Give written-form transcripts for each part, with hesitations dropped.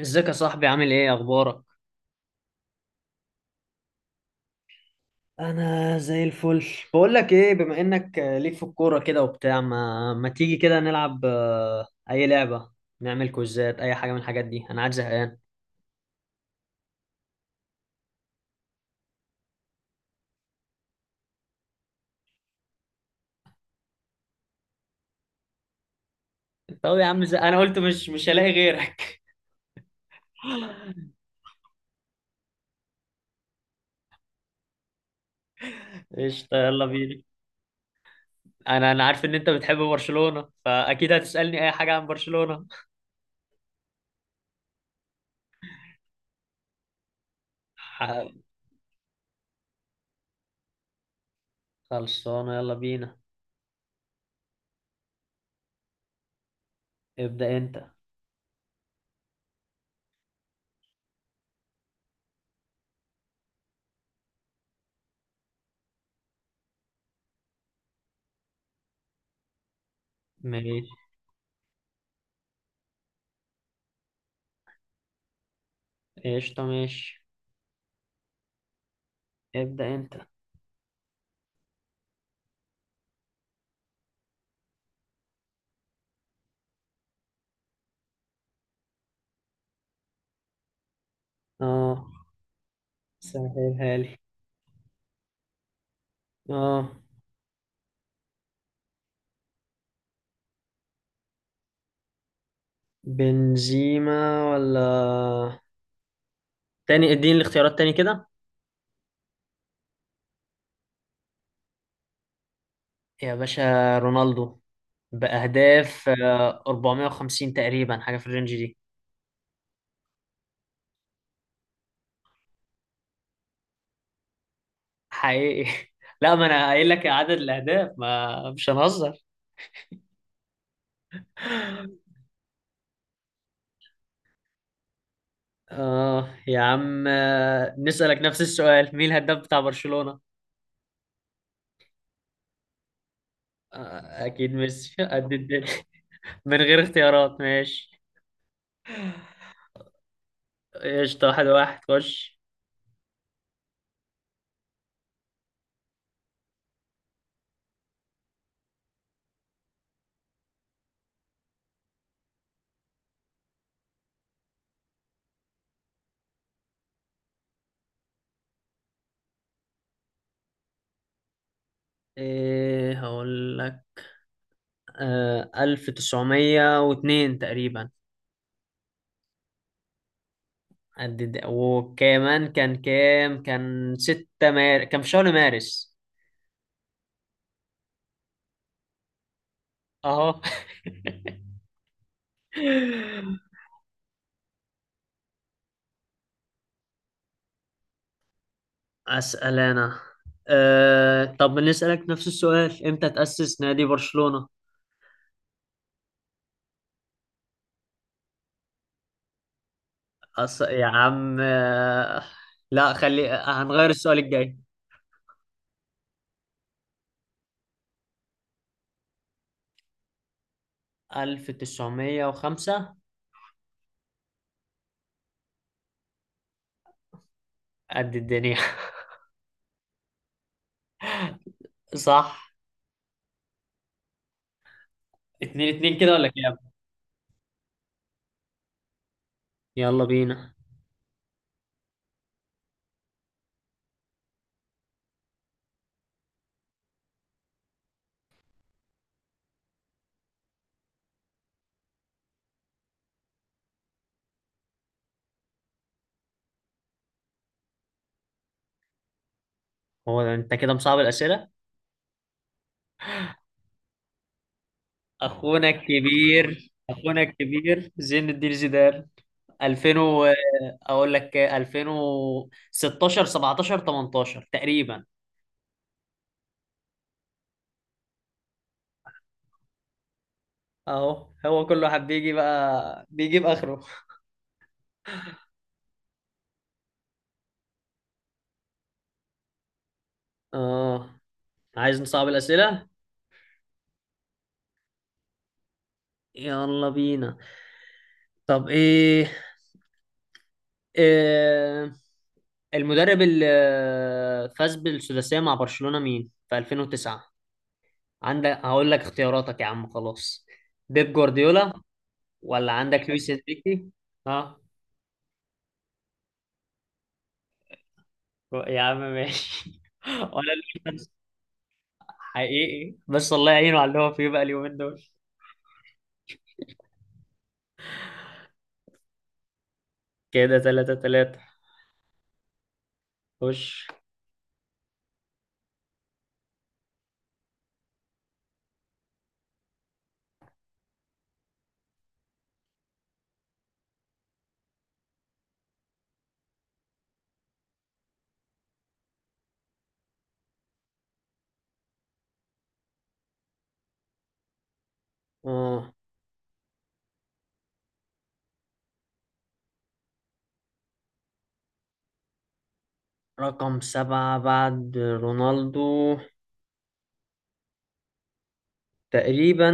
ازيك يا صاحبي؟ عامل ايه، اخبارك؟ انا زي الفل. بقول لك ايه، بما انك ليك في الكوره كده وبتاع، ما تيجي كده نلعب اي لعبه، نعمل كوزات اي حاجه من الحاجات دي، انا قاعد زهقان. طب يا عم انا قلت مش هلاقي غيرك. قشطه، يلا بينا. انا عارف ان انت بتحب برشلونه، فاكيد هتسالني اي حاجه عن برشلونه. ح- خلصانه، يلا بينا. ابدا انت. ماشي، قشطه، ماشي. ابدا انت. اه، سهلها لي. اه، بنزيما ولا تاني، اديني الاختيارات تاني كده. يا باشا، رونالدو، بأهداف 450 تقريبا، حاجة في الرينج دي. حقيقي. لا، ما انا قايل لك عدد الأهداف، ما مش هنهزر. اه يا عم، نسألك نفس السؤال، مين الهداف بتاع برشلونة؟ اكيد ميسي، قد الدنيا. من غير اختيارات، ماشي. قشطة، 1-1، خش. ايه هقول لك؟ 1902 تقريبا. قد ده. وكمان كان في شهر مارس. أهو. أسأل أنا. طب نسألك نفس السؤال، إمتى تأسس نادي برشلونة؟ يا عم، لا خلي، هنغير السؤال الجاي. 1905. قد الدنيا. صح. 2-2 كده ولا كام؟ يلا بينا. هو أنت كده مصعب الأسئلة؟ اخونا الكبير، اخونا الكبير زين الدين زيدان. 2000 و... اقول لك 2016 17 18 تقريبا. اهو، هو كل واحد بيجي بقى بيجيب اخره. اه، عايز نصعب الاسئله، يلا بينا. طب إيه... المدرب اللي فاز بالسداسيه مع برشلونه، مين في 2009؟ عندك، هقول لك اختياراتك يا عم خلاص، بيب جوارديولا، ولا عندك لويس انريكي؟ اه يا عم، ماشي، ولا لويس. حقيقي، بس الله يعينه على اللي هو فيه بقى اليومين دول. كده 3-3، خش. اه، رقم سبعة بعد رونالدو، تقريبا،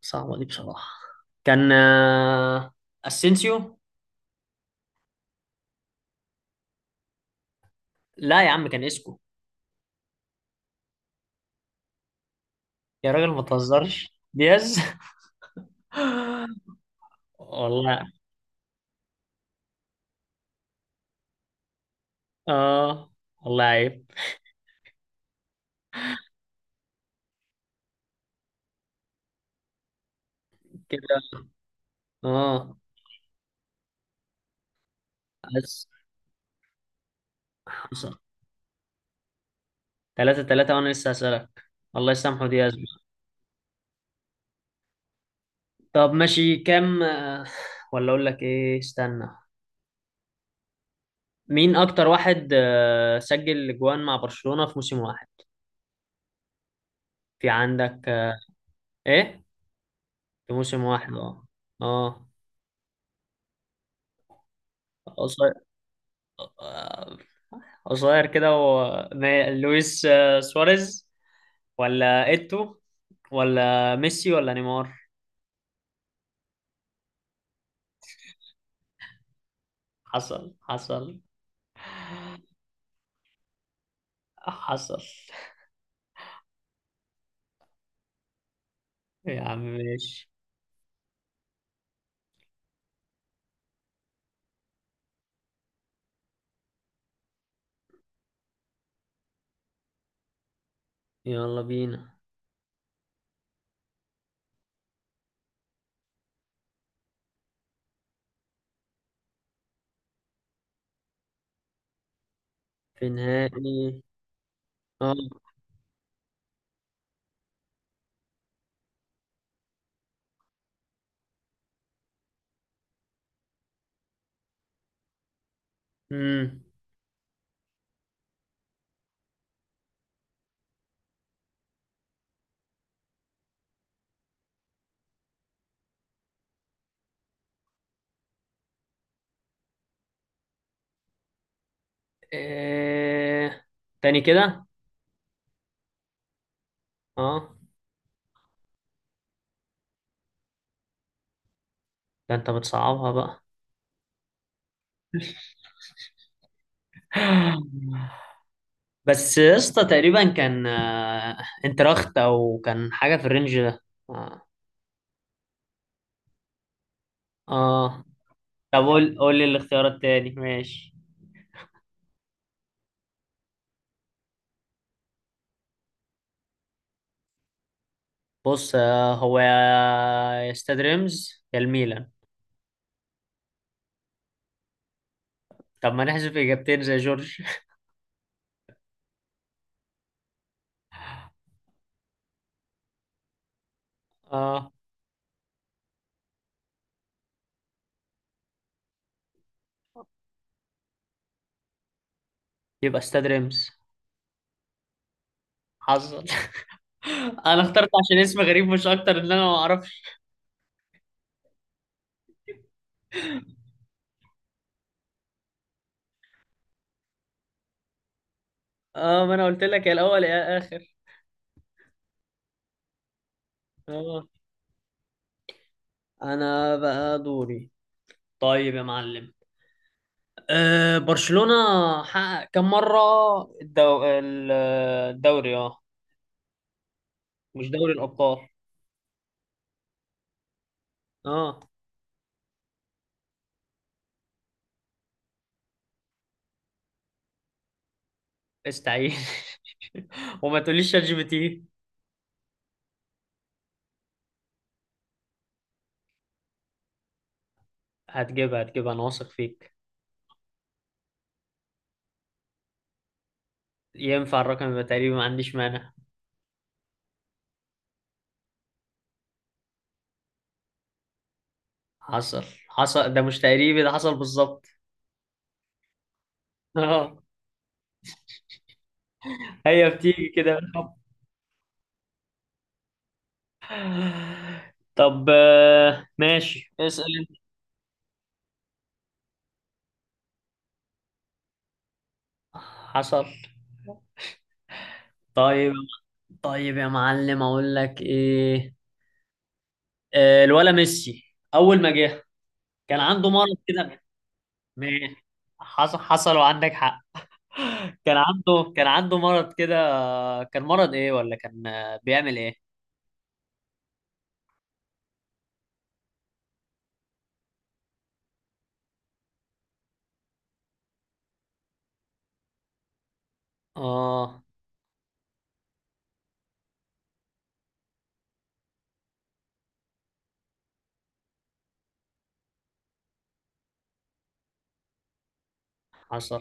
صعبة دي بصراحة. كان اسينسيو. لا يا عم، كان اسكو. يا راجل ما تهزرش. دياز. والله. اه، والله عيب. كده. اه، بس. 3-3 وأنا لسه هسألك. الله يسامحه دياز. طب ماشي، كام ولا أقول لك إيه، استنى، مين أكتر واحد سجل أجوان مع برشلونة في موسم واحد؟ في عندك إيه؟ في موسم واحد. أه. أه. قصير. آه، قصير كده لويس سواريز، ولا إيتو، ولا ميسي، ولا نيمار؟ حصل، حصل، حصل. يا عم ماشي، يلا بينا. في نهائي. اه. امم إيه... تاني كده. اه، ده انت بتصعبها بقى. بس يا اسطى، تقريبا كان انتراخت او كان حاجه في الرينج ده. اه. آه. طب قول لي الاختيار التاني، ماشي. بص، هو يا، يا استاد ريمز يا الميلان. طب ما نحذف اجابتين زي جورج. اه. يبقى استاد ريمز. حصل. انا اخترت عشان اسم غريب مش اكتر، ان انا ما اعرفش. اه، ما انا قلت لك يا الاول يا اخر. اه، انا بقى دوري. طيب يا معلم، برشلونة حقق كم مرة الدو... ال- الدوري؟ اه، مش دوري الأبطال. اه، استعين. وما تقوليش شات جي بي تي. هتجيبها هتجيبها، انا واثق فيك. ينفع الرقم يبقى تقريبي، ما عنديش مانع. حصل، حصل. ده مش تقريبي، ده حصل بالظبط. اه، هي بتيجي كده بالحب. طب ماشي، اسأل انت. حصل، طيب. طيب يا معلم، اقول لك ايه، الولا ميسي اول ما جه كان عنده مرض كده. ما- حصل، حصل، وعندك حق. كان عنده مرض كده. كان مرض ايه، ولا كان بيعمل ايه؟ اه، حصل،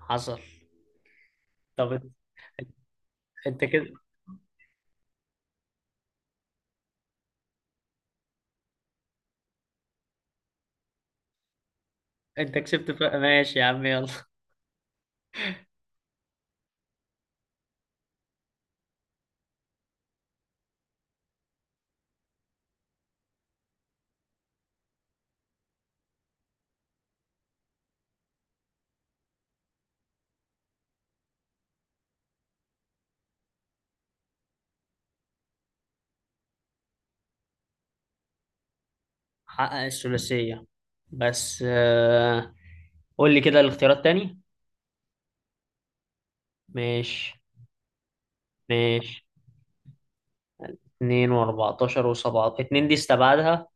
حصل. طب انت، أنت كده، انت كسبت ماشي يا عم، يلا. حقق الثلاثية، بس قول لي كده الاختيارات تاني. ماشي، ماشي. 2 و14 و17، 2 دي استبعدها،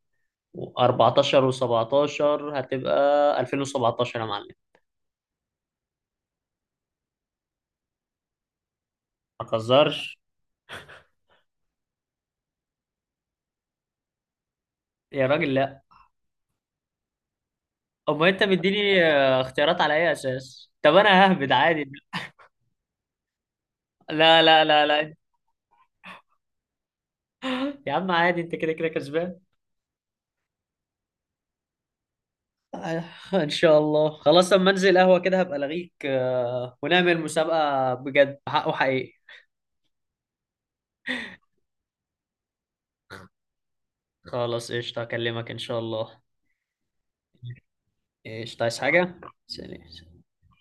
و14 و17، هتبقى 2017 يا معلم. ما تهزرش، يا راجل لا. امال انت مديني اختيارات على اي اساس؟ طب انا ههبد عادي. لا لا لا لا، يا عم عادي، انت كده كده كسبان. آه، ان شاء الله، خلاص، لما انزل قهوة كده هبقى الغيك ونعمل مسابقة بجد حق وحقيقي. خلاص، قشطة، اكلمك ان شاء الله. قشطة، عايز حاجة؟ سلام.